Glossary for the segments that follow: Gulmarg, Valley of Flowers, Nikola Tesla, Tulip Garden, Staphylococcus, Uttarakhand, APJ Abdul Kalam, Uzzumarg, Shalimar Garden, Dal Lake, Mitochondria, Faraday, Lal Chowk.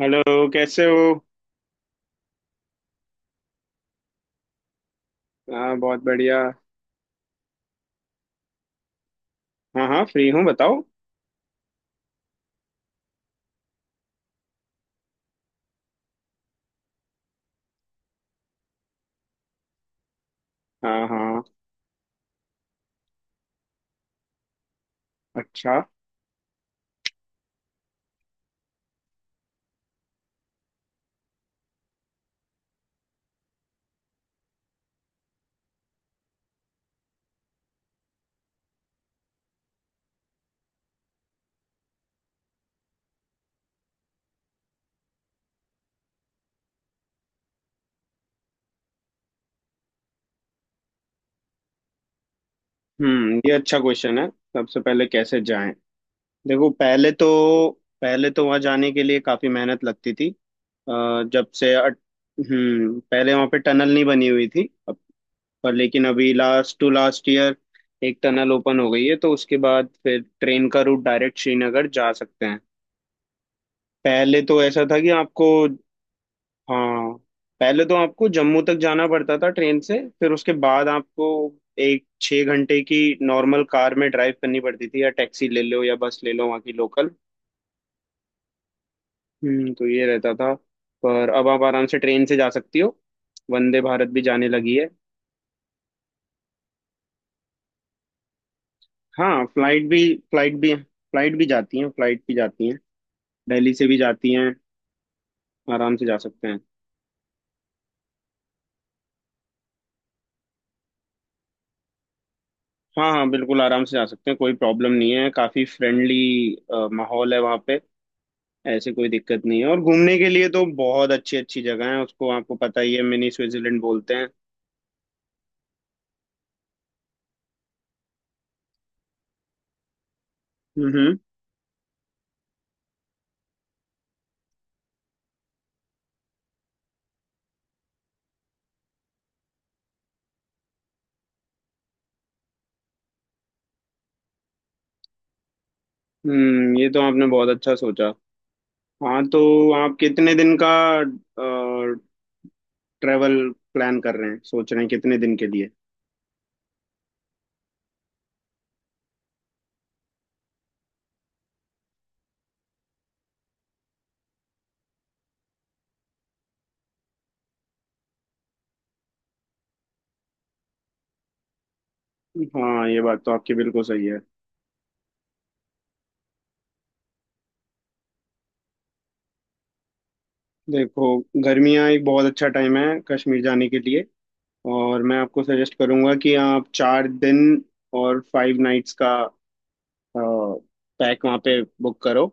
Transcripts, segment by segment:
Hello, कैसे हो। हाँ बहुत बढ़िया। हाँ हाँ फ्री हूँ, बताओ। हाँ हाँ अच्छा। ये अच्छा क्वेश्चन है। सबसे पहले कैसे जाएं। देखो पहले तो वहाँ जाने के लिए काफ़ी मेहनत लगती थी। अ, जब से अट, पहले वहाँ पे टनल नहीं बनी हुई थी। अब पर लेकिन अभी लास्ट टू लास्ट ईयर एक टनल ओपन हो गई है, तो उसके बाद फिर ट्रेन का रूट डायरेक्ट श्रीनगर जा सकते हैं। पहले तो ऐसा था कि आपको, हाँ, पहले तो आपको जम्मू तक जाना पड़ता था ट्रेन से, फिर उसके बाद आपको एक 6 घंटे की नॉर्मल कार में ड्राइव करनी पड़ती थी, या टैक्सी ले लो या बस ले लो वहाँ की लोकल। तो ये रहता था। पर अब आप आराम से ट्रेन से जा सकती हो, वंदे भारत भी जाने लगी है। हाँ फ्लाइट भी, फ्लाइट भी जाती हैं, दिल्ली से भी जाती हैं। आराम से जा सकते हैं। हाँ हाँ बिल्कुल आराम से जा सकते हैं, कोई प्रॉब्लम नहीं है, काफ़ी फ्रेंडली माहौल है वहाँ पे। ऐसे कोई दिक्कत नहीं है। और घूमने के लिए तो बहुत अच्छी अच्छी जगह है, उसको आपको पता ही है, मिनी स्विट्जरलैंड बोलते हैं। हम्म ये तो आपने बहुत अच्छा सोचा। हाँ तो आप कितने दिन का ट्रेवल प्लान कर रहे हैं, सोच रहे हैं कितने दिन के लिए। हाँ ये बात तो आपकी बिल्कुल सही है। देखो गर्मियाँ एक बहुत अच्छा टाइम है कश्मीर जाने के लिए। और मैं आपको सजेस्ट करूंगा कि आप 4 दिन और 5 नाइट्स का पैक वहाँ पे बुक करो।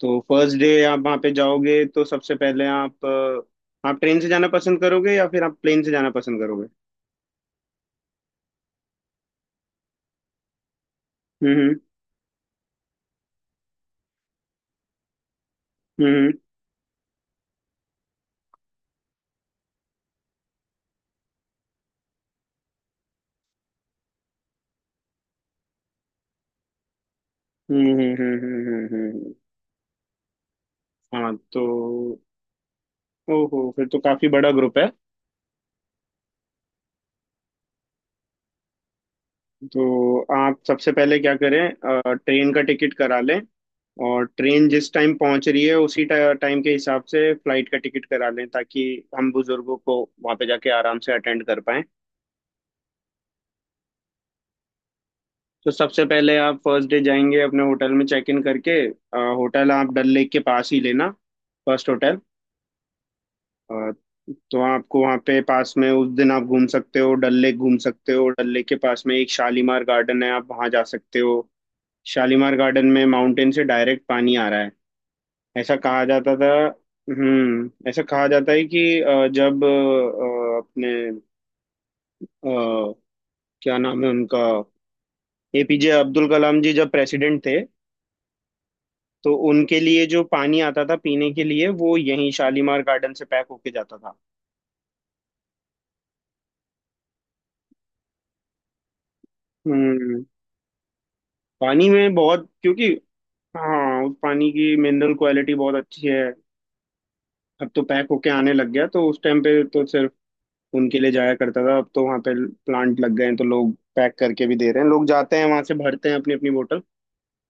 तो फर्स्ट डे आप वहाँ पे जाओगे, तो सबसे पहले आप आप ट्रेन से जाना पसंद करोगे या फिर आप प्लेन से जाना पसंद करोगे। हम्म हम्म हम्म हम्म हम्म हम्म, हम्म, हाँ तो ओहो फिर तो काफी बड़ा ग्रुप है। तो आप सबसे पहले क्या करें, ट्रेन का टिकट करा लें, और ट्रेन जिस टाइम पहुंच रही है उसी टाइम के हिसाब से फ्लाइट का टिकट करा लें, ताकि हम बुजुर्गों को वहां पे जाके आराम से अटेंड कर पाएं। तो सबसे पहले आप फर्स्ट डे जाएंगे अपने होटल में चेक इन करके। होटल आप डल लेक के पास ही लेना, फर्स्ट होटल। अ, तो आपको वहाँ पे पास में उस दिन आप घूम सकते हो, डल लेक घूम सकते हो। डल लेक के पास में एक शालीमार गार्डन है, आप वहाँ जा सकते हो। शालीमार गार्डन में माउंटेन से डायरेक्ट पानी आ रहा है, ऐसा कहा जाता था। ऐसा कहा जाता है कि जब अपने अ, क्या नाम है उनका, एपीजे अब्दुल कलाम जी जब प्रेसिडेंट थे, तो उनके लिए जो पानी आता था पीने के लिए वो यहीं शालीमार गार्डन से पैक होके जाता था। हम्म पानी में बहुत क्योंकि, हाँ उस पानी की मिनरल क्वालिटी बहुत अच्छी है। अब तो पैक होके आने लग गया, तो उस टाइम पे तो सिर्फ उनके लिए जाया करता था। अब तो वहाँ पे प्लांट लग गए हैं, तो लोग पैक करके भी दे रहे हैं, लोग जाते हैं वहां से भरते हैं अपनी अपनी बोतल।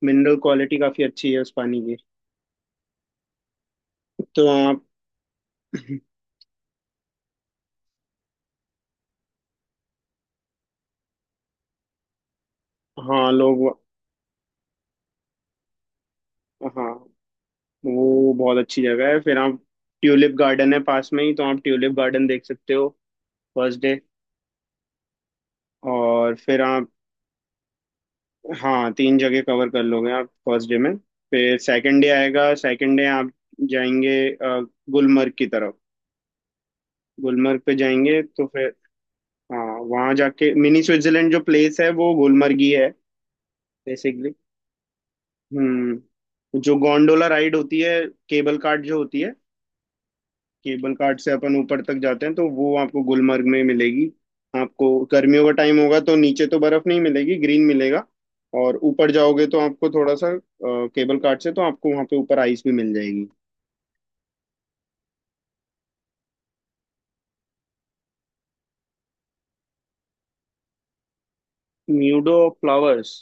मिनरल क्वालिटी काफी अच्छी है उस पानी की। तो आप, हाँ लोग, हाँ वो बहुत अच्छी जगह है। फिर आप, ट्यूलिप गार्डन है पास में ही, तो आप ट्यूलिप गार्डन देख सकते हो फर्स्ट डे। और फिर आप, हाँ तीन जगह कवर कर लोगे आप फर्स्ट डे में। फिर सेकंड डे आएगा, सेकंड डे आप जाएंगे गुलमर्ग की तरफ। गुलमर्ग पे जाएंगे तो फिर, हाँ वहाँ जाके मिनी स्विट्जरलैंड जो प्लेस है वो गुलमर्ग ही है बेसिकली। हम्म जो गोंडोला राइड होती है, केबल कार्ट जो होती है, केबल घाट से अपन ऊपर तक जाते हैं, तो वो आपको गुलमर्ग में मिलेगी। आपको गर्मियों का टाइम होगा तो नीचे तो बर्फ नहीं मिलेगी, ग्रीन मिलेगा, और ऊपर जाओगे तो आपको थोड़ा सा केबल कार्ट से तो आपको वहाँ पे ऊपर आइस भी मिल जाएगी। Meadow of flowers,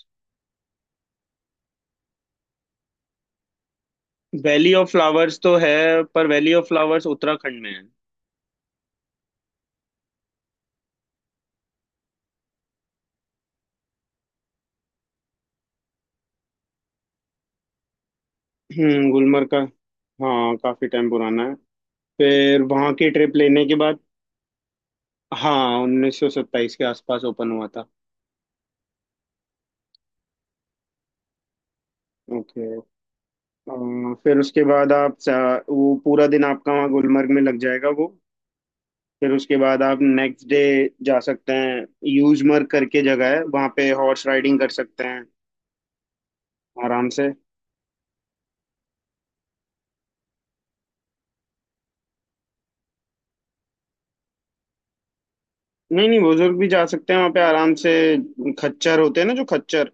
valley of flowers तो है, पर वैली ऑफ फ्लावर्स उत्तराखंड में है। गुलमर्ग का, हाँ काफी टाइम पुराना है। फिर वहाँ की ट्रिप लेने के बाद, हाँ 1927 के आसपास ओपन हुआ था। ओके। अ, फिर उसके बाद आप वो पूरा दिन आपका वहाँ गुलमर्ग में लग जाएगा वो। फिर उसके बाद आप नेक्स्ट डे जा सकते हैं, यूजमर्ग करके जगह है वहाँ पे, हॉर्स राइडिंग कर सकते हैं आराम से। नहीं नहीं बुजुर्ग भी जा सकते हैं वहाँ पे आराम से। खच्चर होते हैं ना, जो खच्चर,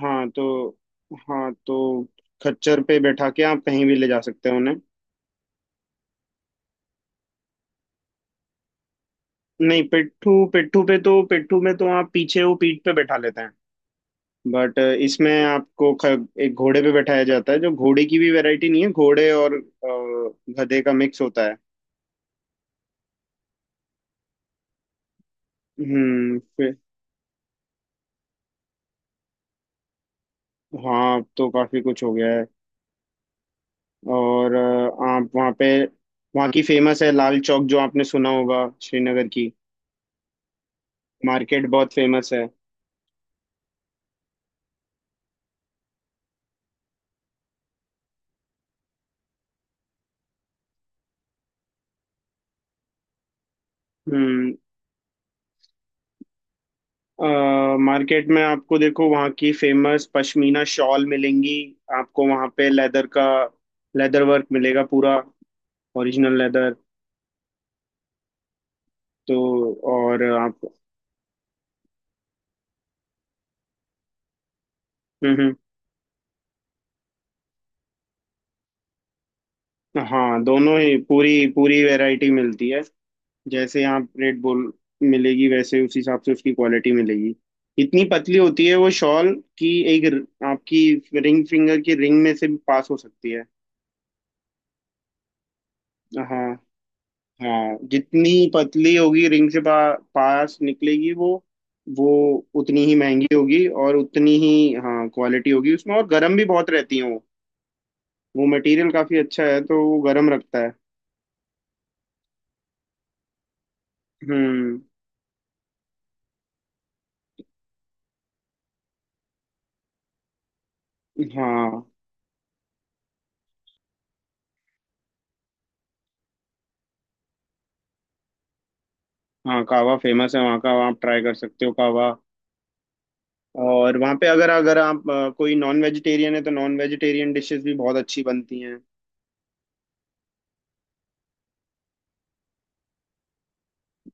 हाँ तो, हाँ तो खच्चर पे बैठा के आप कहीं भी ले जा सकते हैं उन्हें। नहीं पिट्ठू, पिट्ठू पे तो, पिट्ठू में तो आप पीछे वो पीठ पे बैठा लेते हैं, बट इसमें आपको एक घोड़े पे बैठाया जाता है, जो घोड़े की भी वैरायटी नहीं है, घोड़े और गधे का मिक्स होता है। फिर, हाँ अब तो काफी कुछ हो गया है। और आप वहाँ पे, वहाँ की फेमस है लाल चौक जो आपने सुना होगा, श्रीनगर की मार्केट बहुत फेमस है। हम्म मार्केट में आपको, देखो वहाँ की फेमस पश्मीना शॉल मिलेंगी, आपको वहाँ पे लेदर का लेदर वर्क मिलेगा पूरा, ओरिजिनल लेदर। तो और आप, हम्म हम्म। हाँ दोनों ही पूरी पूरी वैरायटी मिलती है। जैसे आप रेड बुल मिलेगी, वैसे उस हिसाब से उसकी क्वालिटी मिलेगी। इतनी पतली होती है वो शॉल कि एक आपकी रिंग फिंगर की रिंग में से भी पास हो सकती है। हाँ हाँ जितनी पतली होगी, रिंग से पास निकलेगी वो उतनी ही महंगी होगी और उतनी ही, हाँ क्वालिटी होगी उसमें। और गर्म भी बहुत रहती है वो मटेरियल काफी अच्छा है तो वो गर्म रखता है। हम्म हाँ हाँ कावा फेमस है वहाँ का, वहाँ आप ट्राई कर सकते हो कावा। और वहाँ पे अगर अगर आप कोई नॉन वेजिटेरियन है तो नॉन वेजिटेरियन डिशेस भी बहुत अच्छी बनती हैं।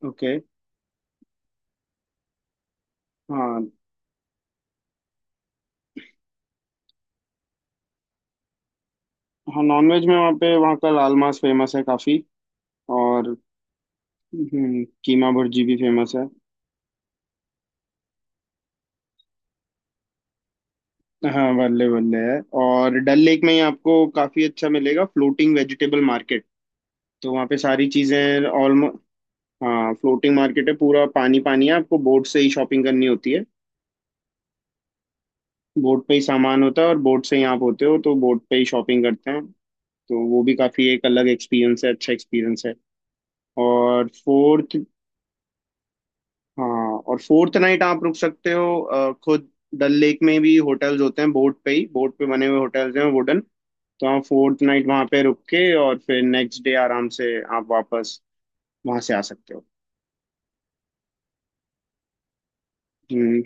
ओके। हाँ हाँ नॉन वेज में वहाँ पे, वहाँ का लाल मांस फेमस है काफ़ी, और कीमा भुर्जी भी फेमस है। हाँ बल्ले बल्ले है, और डल लेक में ही आपको काफ़ी अच्छा मिलेगा फ्लोटिंग वेजिटेबल मार्केट। तो वहाँ पे सारी चीज़ें ऑलमोस्ट, हाँ फ्लोटिंग मार्केट है पूरा, पानी पानी है, आपको बोट से ही शॉपिंग करनी होती है, बोट पे ही सामान होता है और बोट से ही आप होते हो तो बोट पे ही शॉपिंग करते हैं। तो वो भी काफी एक अलग एक्सपीरियंस है, अच्छा एक्सपीरियंस है। और फोर्थ, हाँ और फोर्थ नाइट आप रुक सकते हो खुद, डल लेक में भी होटल्स होते हैं, बोट पे ही बोट पे बने हुए होटल्स हैं वुडन। तो आप फोर्थ नाइट वहाँ पे रुक के और फिर नेक्स्ट डे आराम से आप वापस वहाँ से आ सकते हो। हम्म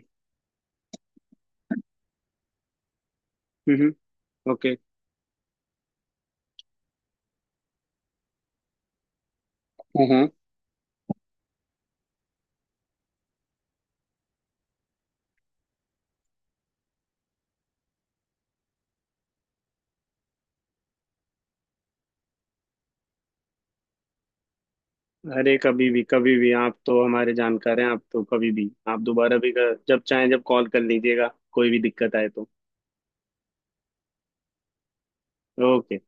हम्म ओके। अरे कभी भी कभी भी, आप तो हमारे जानकार हैं, आप तो कभी भी, आप दोबारा भी जब चाहें जब कॉल कर लीजिएगा, कोई भी दिक्कत आए तो। ओके।